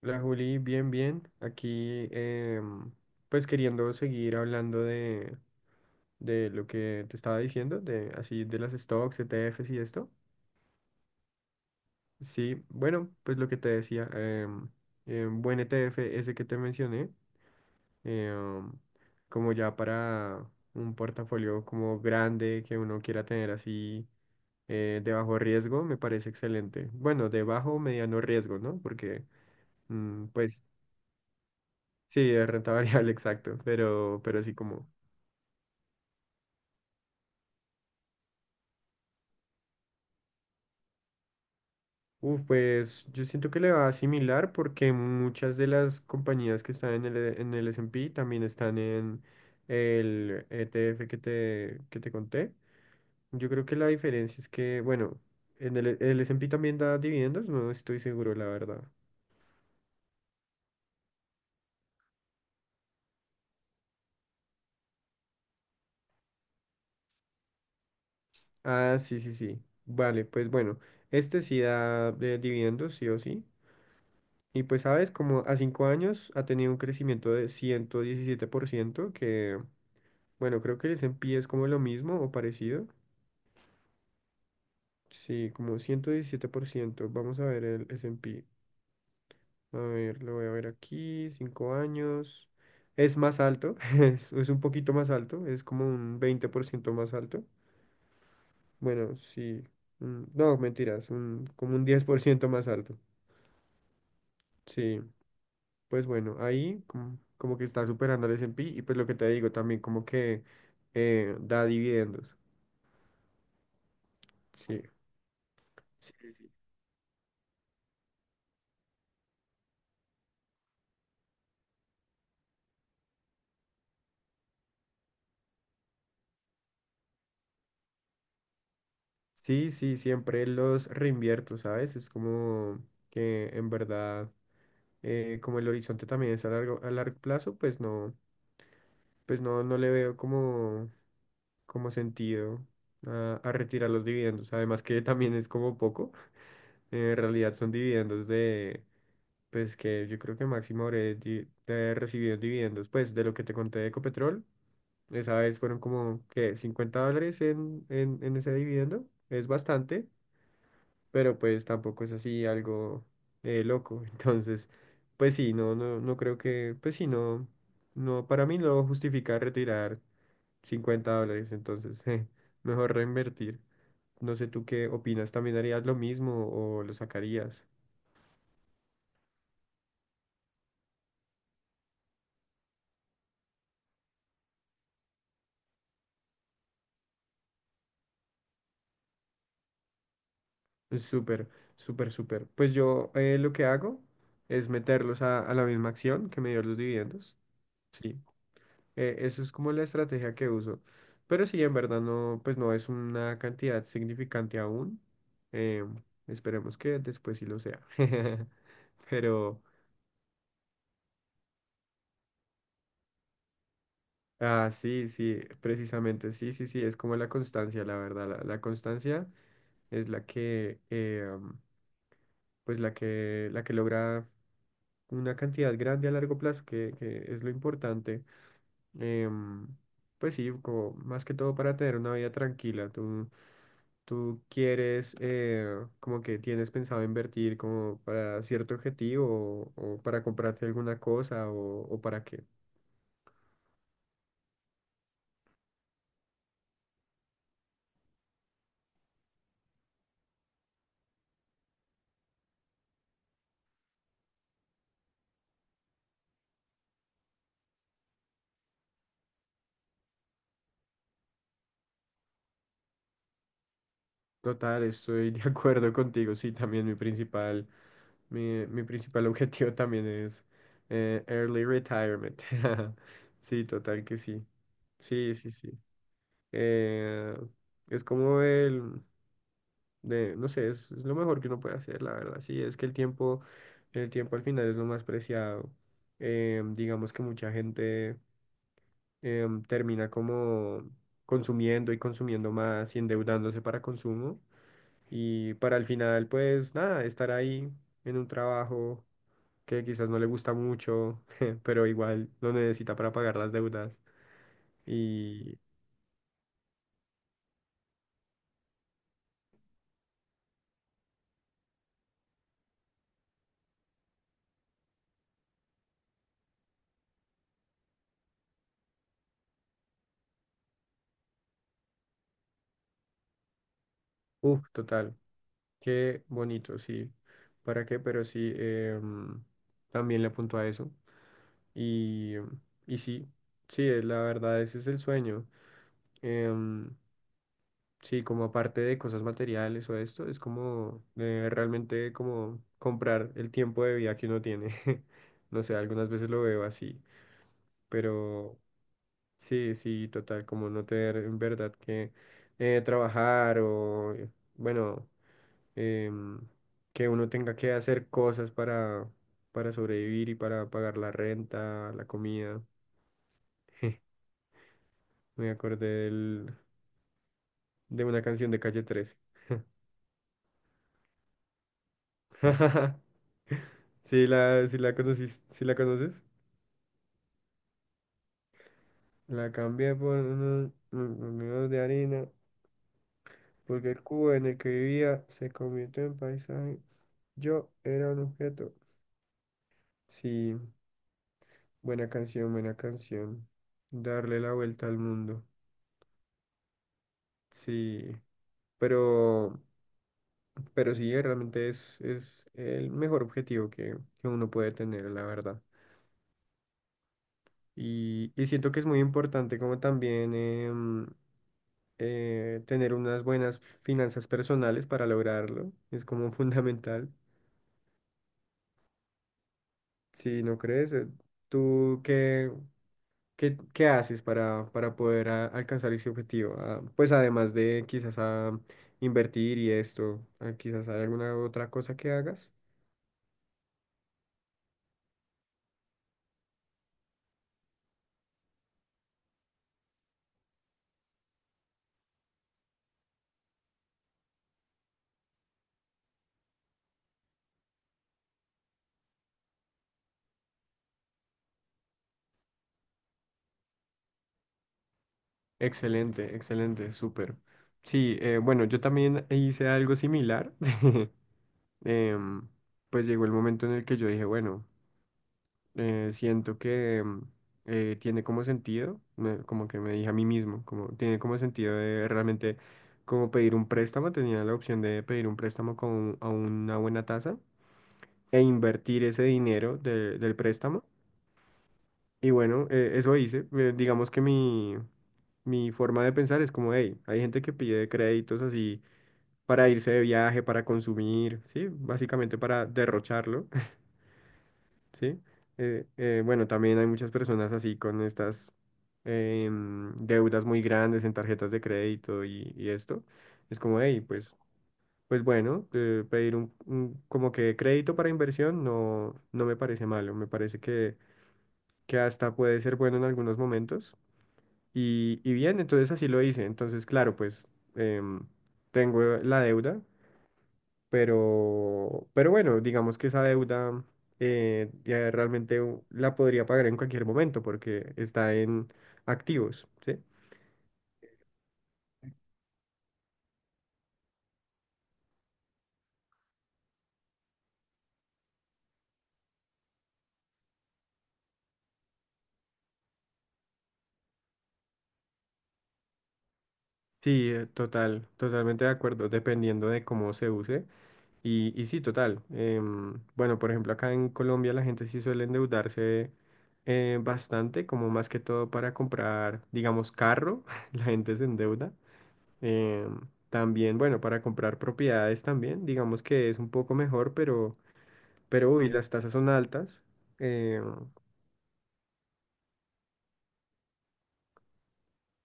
La Juli, bien, bien. Aquí, pues queriendo seguir hablando de lo que te estaba diciendo, de así de las stocks, ETFs y esto. Sí, bueno, pues lo que te decía, buen ETF ese que te mencioné. em, Como ya para un portafolio como grande que uno quiera tener así, de bajo riesgo, me parece excelente. Bueno, de bajo o mediano riesgo, ¿no? Porque mm, pues sí, es renta variable, exacto, pero así como, uf, pues yo siento que le va a similar porque muchas de las compañías que están en en el S and P también están en el E T F que te conté. Yo creo que la diferencia es que, bueno, en el S and P también da dividendos, no estoy seguro, la verdad. Ah, sí, sí, sí. Vale, pues bueno, este sí da de dividendos, sí o sí. Y pues sabes, como a 5 años ha tenido un crecimiento de 117% que... Bueno, creo que el S&P es como lo mismo o parecido. Sí, como 117%. Vamos a ver el S&P. A ver, lo voy a ver aquí, 5 años. Es más alto, es un poquito más alto, es como un 20% más alto. Bueno, sí. No, mentiras, como un 10% más alto. Sí, pues bueno, ahí como, como que está superando al S&P, y pues lo que te digo también como que da dividendos. Sí. Sí, sí, sí. Sí, sí, siempre los reinvierto, ¿sabes? Es como que en verdad, como el horizonte también es a largo plazo, pues no, no le veo como, como sentido a retirar los dividendos. Además que también es como poco. En realidad son dividendos de, pues que yo creo que máximo habré di- de recibido dividendos, pues de lo que te conté de Ecopetrol. Esa vez fueron como que $50 en, en ese dividendo. Es bastante. Pero pues tampoco es así algo loco. Entonces, pues sí, no, no, no creo que, pues sí, no, no, para mí no justifica retirar $50, entonces, mejor reinvertir. No sé tú qué opinas, ¿también harías lo mismo o lo sacarías? Súper, súper, súper. Pues yo, lo que hago es meterlos a la misma acción que me dio los dividendos. Sí. Eso es como la estrategia que uso. Pero sí, en verdad no, pues no es una cantidad significante aún. Eh, Esperemos que después sí lo sea. Pero, ah, sí, sí, precisamente, sí, sí, sí, es como la constancia, la verdad. La constancia es la que, pues la que logra una cantidad grande a largo plazo, que es lo importante. Em, pues sí, como más que todo para tener una vida tranquila. ¿Tú quieres, como que tienes pensado invertir como para cierto objetivo o para comprarte alguna cosa o para qué? Total, estoy de acuerdo contigo. Sí, también mi principal, mi principal objetivo también es early retirement. Sí, total que sí. Sí, sí, sí. Eh, es como de, no sé, es lo mejor que uno puede hacer, la verdad. Sí, es que el tiempo al final es lo más preciado. Digamos que mucha gente termina como consumiendo y consumiendo más y endeudándose para consumo y para al final, pues nada, estar ahí en un trabajo que quizás no le gusta mucho, pero igual lo necesita para pagar las deudas y, uff, total. Qué bonito, sí. ¿Para qué? Pero sí, también le apunto a eso. Y, y sí, sí, la verdad, ese es el sueño. Em, sí, como aparte de cosas materiales o esto, es como realmente como comprar el tiempo de vida que uno tiene. No sé, algunas veces lo veo así, pero sí, sí, total, como no tener en verdad que trabajar o, bueno, em, que uno tenga que hacer cosas para sobrevivir y para pagar la renta, la comida. Me acordé del- de una canción de Calle Trece. ¿Sí la conoces? La cambié por unos de harina, porque el cubo en el que vivía se convirtió en paisaje. Yo era un objeto. Sí, buena canción, buena canción. Darle la vuelta al mundo. Sí. Pero, pero sí, realmente es el mejor objetivo que uno puede tener, la verdad. Y siento que es muy importante como también tener unas buenas finanzas personales para lograrlo. Es como fundamental. Si no crees. ¿Tú qué, qué, qué haces para poder alcanzar ese objetivo? Ah, pues además de quizás a invertir y esto, ah, quizás hay alguna otra cosa que hagas. Excelente, excelente, súper. Sí, bueno, yo también hice algo similar. Em, pues llegó el momento en el que yo dije, bueno, siento que tiene como sentido, me- como que me dije a mí mismo, como tiene como sentido de realmente como pedir un préstamo, tenía la opción de pedir un préstamo con, a una buena tasa e invertir ese dinero del préstamo. Y bueno, eso hice. Digamos que mi forma de pensar es como, hey, hay gente que pide créditos así para irse de viaje, para consumir, ¿sí? Básicamente para derrocharlo, ¿sí? Bueno, también hay muchas personas así con estas deudas muy grandes en tarjetas de crédito y esto. Es como, hey, pues, pues bueno, pedir un como que crédito para inversión no, no me parece malo, me parece que hasta puede ser bueno en algunos momentos. Y bien, entonces así lo hice. Entonces, claro, pues em, tengo la deuda, pero bueno, digamos que esa deuda ya realmente u- la podría pagar en cualquier momento porque está en activos, ¿sí? Sí, total, totalmente de acuerdo, dependiendo de cómo se use. Y sí, total. Bueno, por ejemplo, acá en Colombia la gente sí suele endeudarse bastante, como más que todo para comprar, digamos, carro, la gente se endeuda. Eh, También, bueno, para comprar propiedades también, digamos que es un poco mejor, pero uy, las tasas son altas. Eh,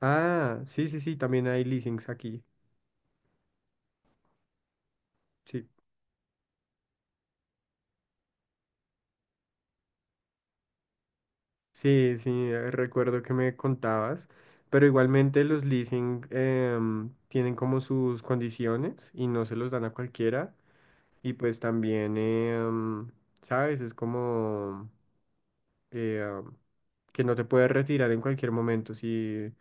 ah, sí, sí, sí, también hay leasings aquí. Sí, sí, sí, recuerdo que me contabas, pero igualmente los leasing tienen como sus condiciones y no se los dan a cualquiera. Y pues también, ¿sabes? Es como eh, que no te puedes retirar en cualquier momento si...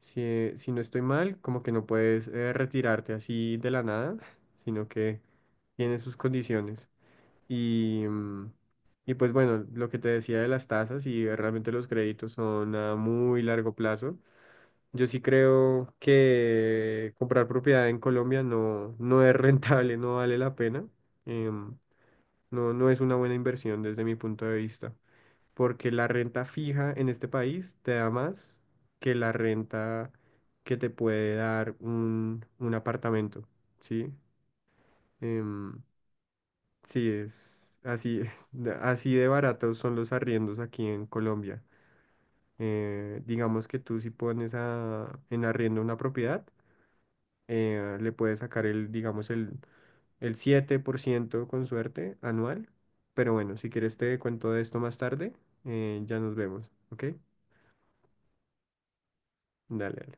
Si, si no estoy mal, como que no puedes retirarte así de la nada, sino que tiene sus condiciones. Y, mm, y pues bueno, lo que te decía de las tasas y realmente los créditos son a muy largo plazo. Yo sí creo que comprar propiedad en Colombia no, no es rentable, no vale la pena. Em, no, no es una buena inversión desde mi punto de vista porque la renta fija en este país te da más que la renta que te puede dar un apartamento, ¿sí? Em, sí, es así, es, de- así de baratos son los arriendos aquí en Colombia. Digamos que tú si pones en arriendo una propiedad, le puedes sacar el, digamos, el 7% con suerte anual. Pero bueno, si quieres te cuento de esto más tarde, ya nos vemos, ¿ok? Dale, dale.